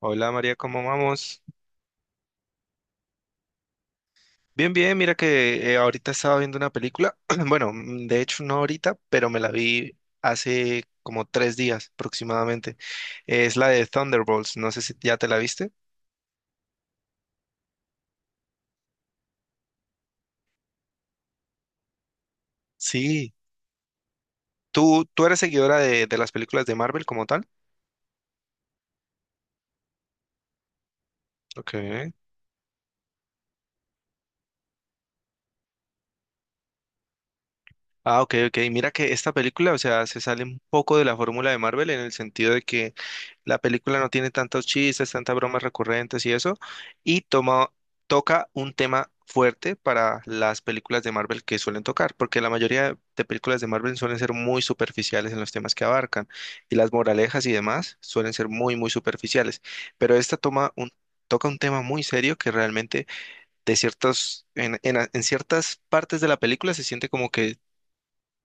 Hola María, ¿cómo vamos? Bien, bien, mira que ahorita estaba viendo una película, bueno, de hecho no ahorita, pero me la vi hace como 3 días aproximadamente. Es la de Thunderbolts, no sé si ya te la viste. Sí. ¿Tú eres seguidora de las películas de Marvel como tal? Ok. Ah, ok, ok. Mira que esta película, o sea, se sale un poco de la fórmula de Marvel en el sentido de que la película no tiene tantos chistes, tantas bromas recurrentes y eso, y toca un tema fuerte para las películas de Marvel que suelen tocar, porque la mayoría de películas de Marvel suelen ser muy superficiales en los temas que abarcan, y las moralejas y demás suelen ser muy, muy superficiales, pero esta toca un tema muy serio que realmente de ciertos, en a- en ciertas partes de la película se siente como que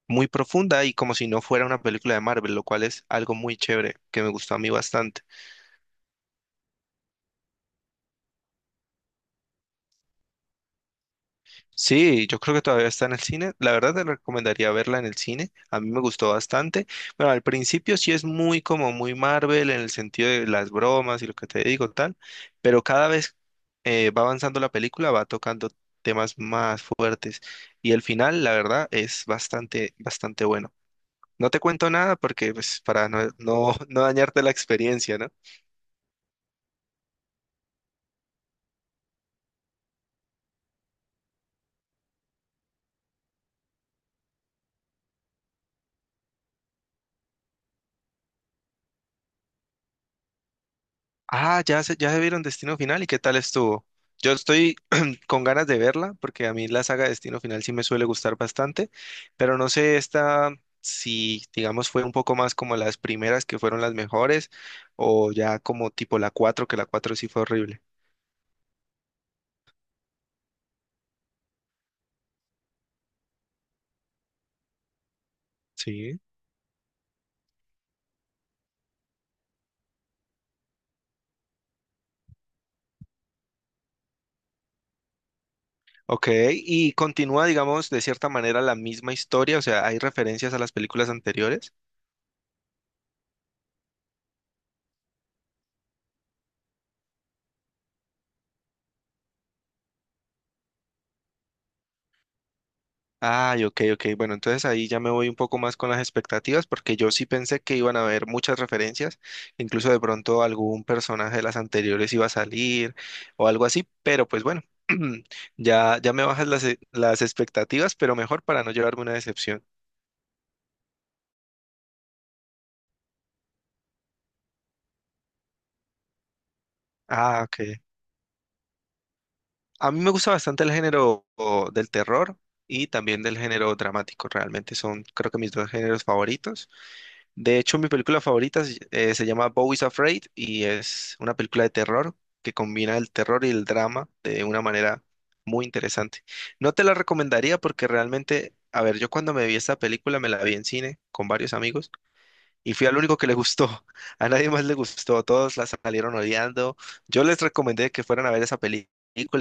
muy profunda y como si no fuera una película de Marvel, lo cual es algo muy chévere que me gustó a mí bastante. Sí, yo creo que todavía está en el cine. La verdad te recomendaría verla en el cine. A mí me gustó bastante. Bueno, al principio sí es muy como muy Marvel en el sentido de las bromas y lo que te digo, tal. Pero cada vez va avanzando la película, va tocando temas más fuertes. Y el final, la verdad, es bastante, bastante bueno. No te cuento nada porque, pues, para no dañarte la experiencia, ¿no? Ah, ya se vieron Destino Final y qué tal estuvo. Yo estoy con ganas de verla porque a mí la saga Destino Final sí me suele gustar bastante, pero no sé esta si, digamos, fue un poco más como las primeras que fueron las mejores o ya como tipo la 4 que la 4 sí fue horrible. Sí. Ok, y continúa, digamos, de cierta manera la misma historia, o sea, hay referencias a las películas anteriores. Ay, ok, ok. Bueno, entonces ahí ya me voy un poco más con las expectativas porque yo sí pensé que iban a haber muchas referencias, incluso de pronto algún personaje de las anteriores iba a salir o algo así, pero pues bueno, ya me bajas las, las expectativas, pero mejor para no llevarme una decepción. Ah, ok. A mí me gusta bastante el género del terror y también del género dramático, realmente son creo que mis dos géneros favoritos. De hecho, mi película favorita se llama Bowie's Afraid y es una película de terror que combina el terror y el drama de una manera muy interesante. No te la recomendaría porque realmente, a ver, yo cuando me vi esta película me la vi en cine con varios amigos y fui al único que le gustó. A nadie más le gustó. Todos la salieron odiando. Yo les recomendé que fueran a ver esa película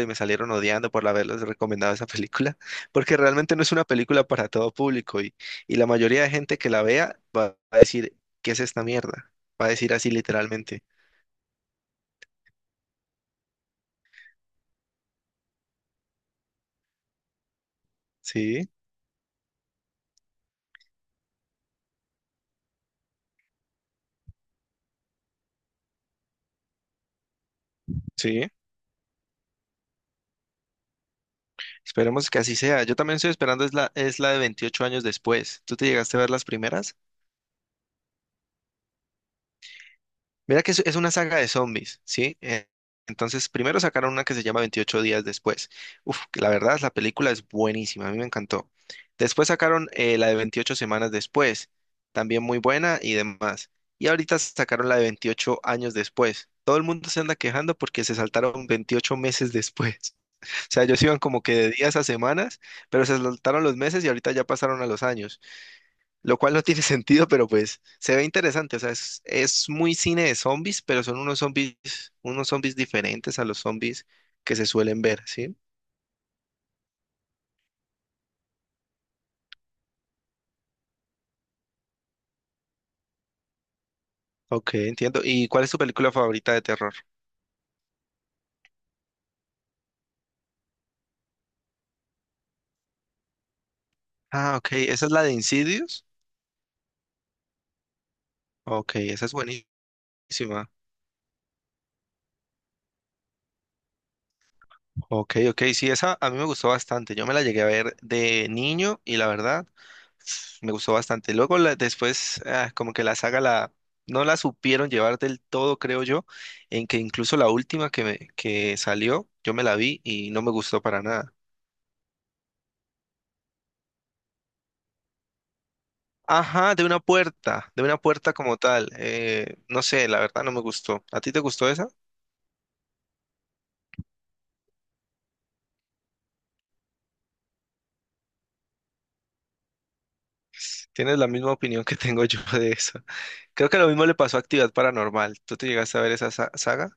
y me salieron odiando por haberles recomendado esa película, porque realmente no es una película para todo público y la mayoría de gente que la vea va a decir, ¿qué es esta mierda? Va a decir así literalmente. Sí, sí. Esperemos que así sea. Yo también estoy esperando es la de 28 años después. ¿Tú te llegaste a ver las primeras? Mira que es una saga de zombies, ¿sí? Entonces, primero sacaron una que se llama 28 días después. Uf, que la verdad, la película es buenísima, a mí me encantó. Después sacaron la de 28 semanas después, también muy buena y demás. Y ahorita sacaron la de 28 años después. Todo el mundo se anda quejando porque se saltaron 28 meses después. O sea, ellos iban como que de días a semanas, pero se saltaron los meses y ahorita ya pasaron a los años lo cual no tiene sentido, pero pues se ve interesante. O sea, es muy cine de zombies, pero son unos zombies diferentes a los zombies que se suelen ver, ¿sí? Ok, entiendo. ¿Y cuál es tu película favorita de terror? Ah, ok, esa es la de Insidious. Ok, esa es buenísima. Ok, ok, sí, esa a mí me gustó bastante. Yo me la llegué a ver de niño y la verdad me gustó bastante. Luego después como que la saga la no la supieron llevar del todo, creo yo, en que incluso la última que salió, yo me la vi y no me gustó para nada. Ajá, de una puerta como tal. No sé, la verdad no me gustó. ¿A ti te gustó esa? Tienes la misma opinión que tengo yo de esa. Creo que lo mismo le pasó a Actividad Paranormal. ¿Tú te llegaste a ver esa saga?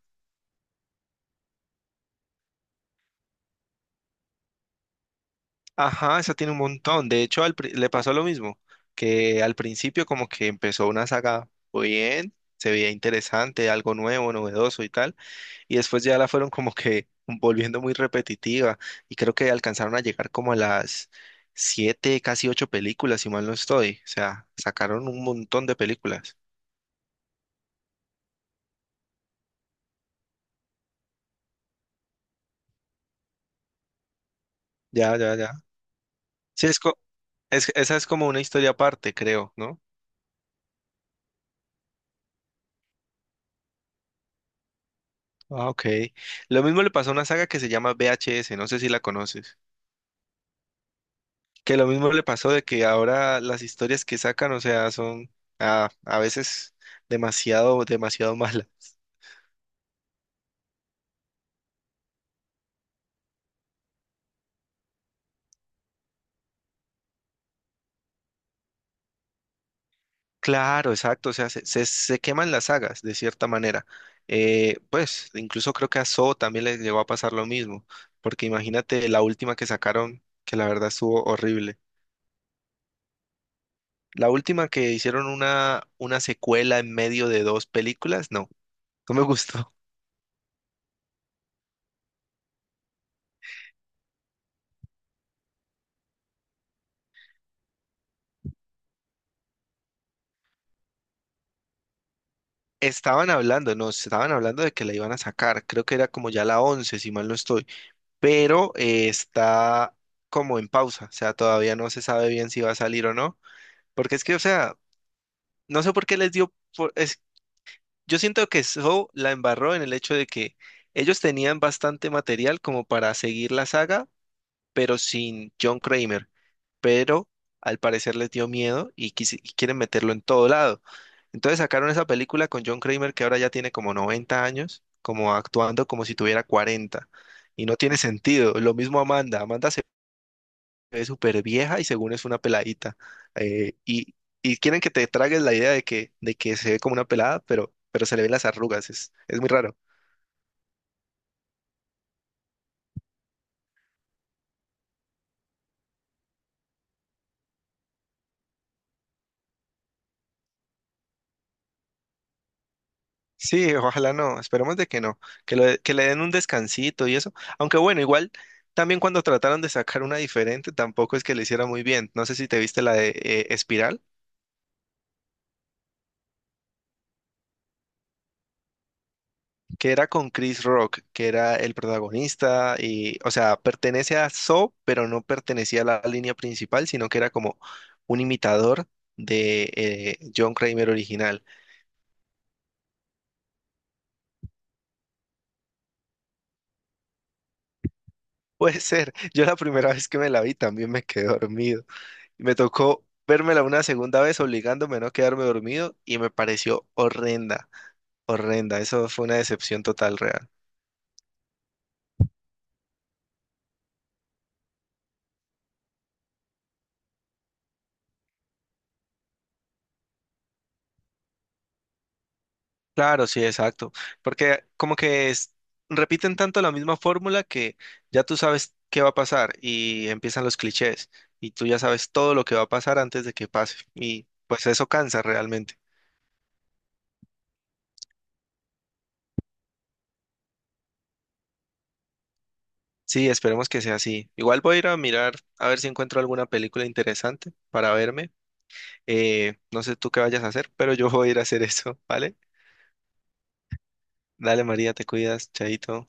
Ajá, esa tiene un montón. De hecho, le pasó lo mismo, que al principio como que empezó una saga muy bien, se veía interesante, algo nuevo, novedoso y tal, y después ya la fueron como que volviendo muy repetitiva y creo que alcanzaron a llegar como a las siete, casi ocho películas, si mal no estoy. O sea, sacaron un montón de películas. Ya, ya, ya. Sí, esa es como una historia aparte, creo, ¿no? Ah, ok. Lo mismo le pasó a una saga que se llama VHS, no sé si la conoces. Que lo mismo le pasó de que ahora las historias que sacan, o sea, son a veces demasiado, demasiado malas. Claro, exacto, o sea, se queman las sagas de cierta manera. Pues incluso creo que a Saw también les llegó a pasar lo mismo, porque imagínate la última que sacaron, que la verdad estuvo horrible. La última que hicieron una secuela en medio de dos películas, no, no me gustó. Estaban hablando, no, estaban hablando de que la iban a sacar, creo que era como ya la 11 si mal no estoy, pero está como en pausa, o sea, todavía no se sabe bien si va a salir o no, porque es que, o sea, no sé por qué les dio, yo siento que Saw la embarró en el hecho de que ellos tenían bastante material como para seguir la saga, pero sin John Kramer, pero al parecer les dio miedo y, y quieren meterlo en todo lado. Entonces sacaron esa película con John Kramer que ahora ya tiene como 90 años, como actuando como si tuviera 40. Y no tiene sentido. Lo mismo Amanda. Amanda se es súper vieja y según es una peladita. eh, y, y quieren que te tragues la idea de de que se ve como una pelada, pero se le ven las arrugas. Es muy raro. Sí, ojalá no. Esperemos de que no. Que, que le den un descansito y eso. Aunque bueno, igual también cuando trataron de sacar una diferente, tampoco es que le hiciera muy bien. No sé si te viste la de Espiral. Que era con Chris Rock, que era el protagonista y, o sea, pertenece a Saw, pero no pertenecía a la línea principal, sino que era como un imitador de John Kramer original. Puede ser, yo la primera vez que me la vi también me quedé dormido. Me tocó vérmela una segunda vez obligándome a no quedarme dormido y me pareció horrenda, horrenda. Eso fue una decepción total real. Claro, sí, exacto. Porque como repiten tanto la misma fórmula que ya tú sabes qué va a pasar y empiezan los clichés y tú ya sabes todo lo que va a pasar antes de que pase. Y pues eso cansa realmente. Sí, esperemos que sea así. Igual voy a ir a mirar a ver si encuentro alguna película interesante para verme. No sé tú qué vayas a hacer, pero yo voy a ir a hacer eso, ¿vale? Dale, María, te cuidas, chaito.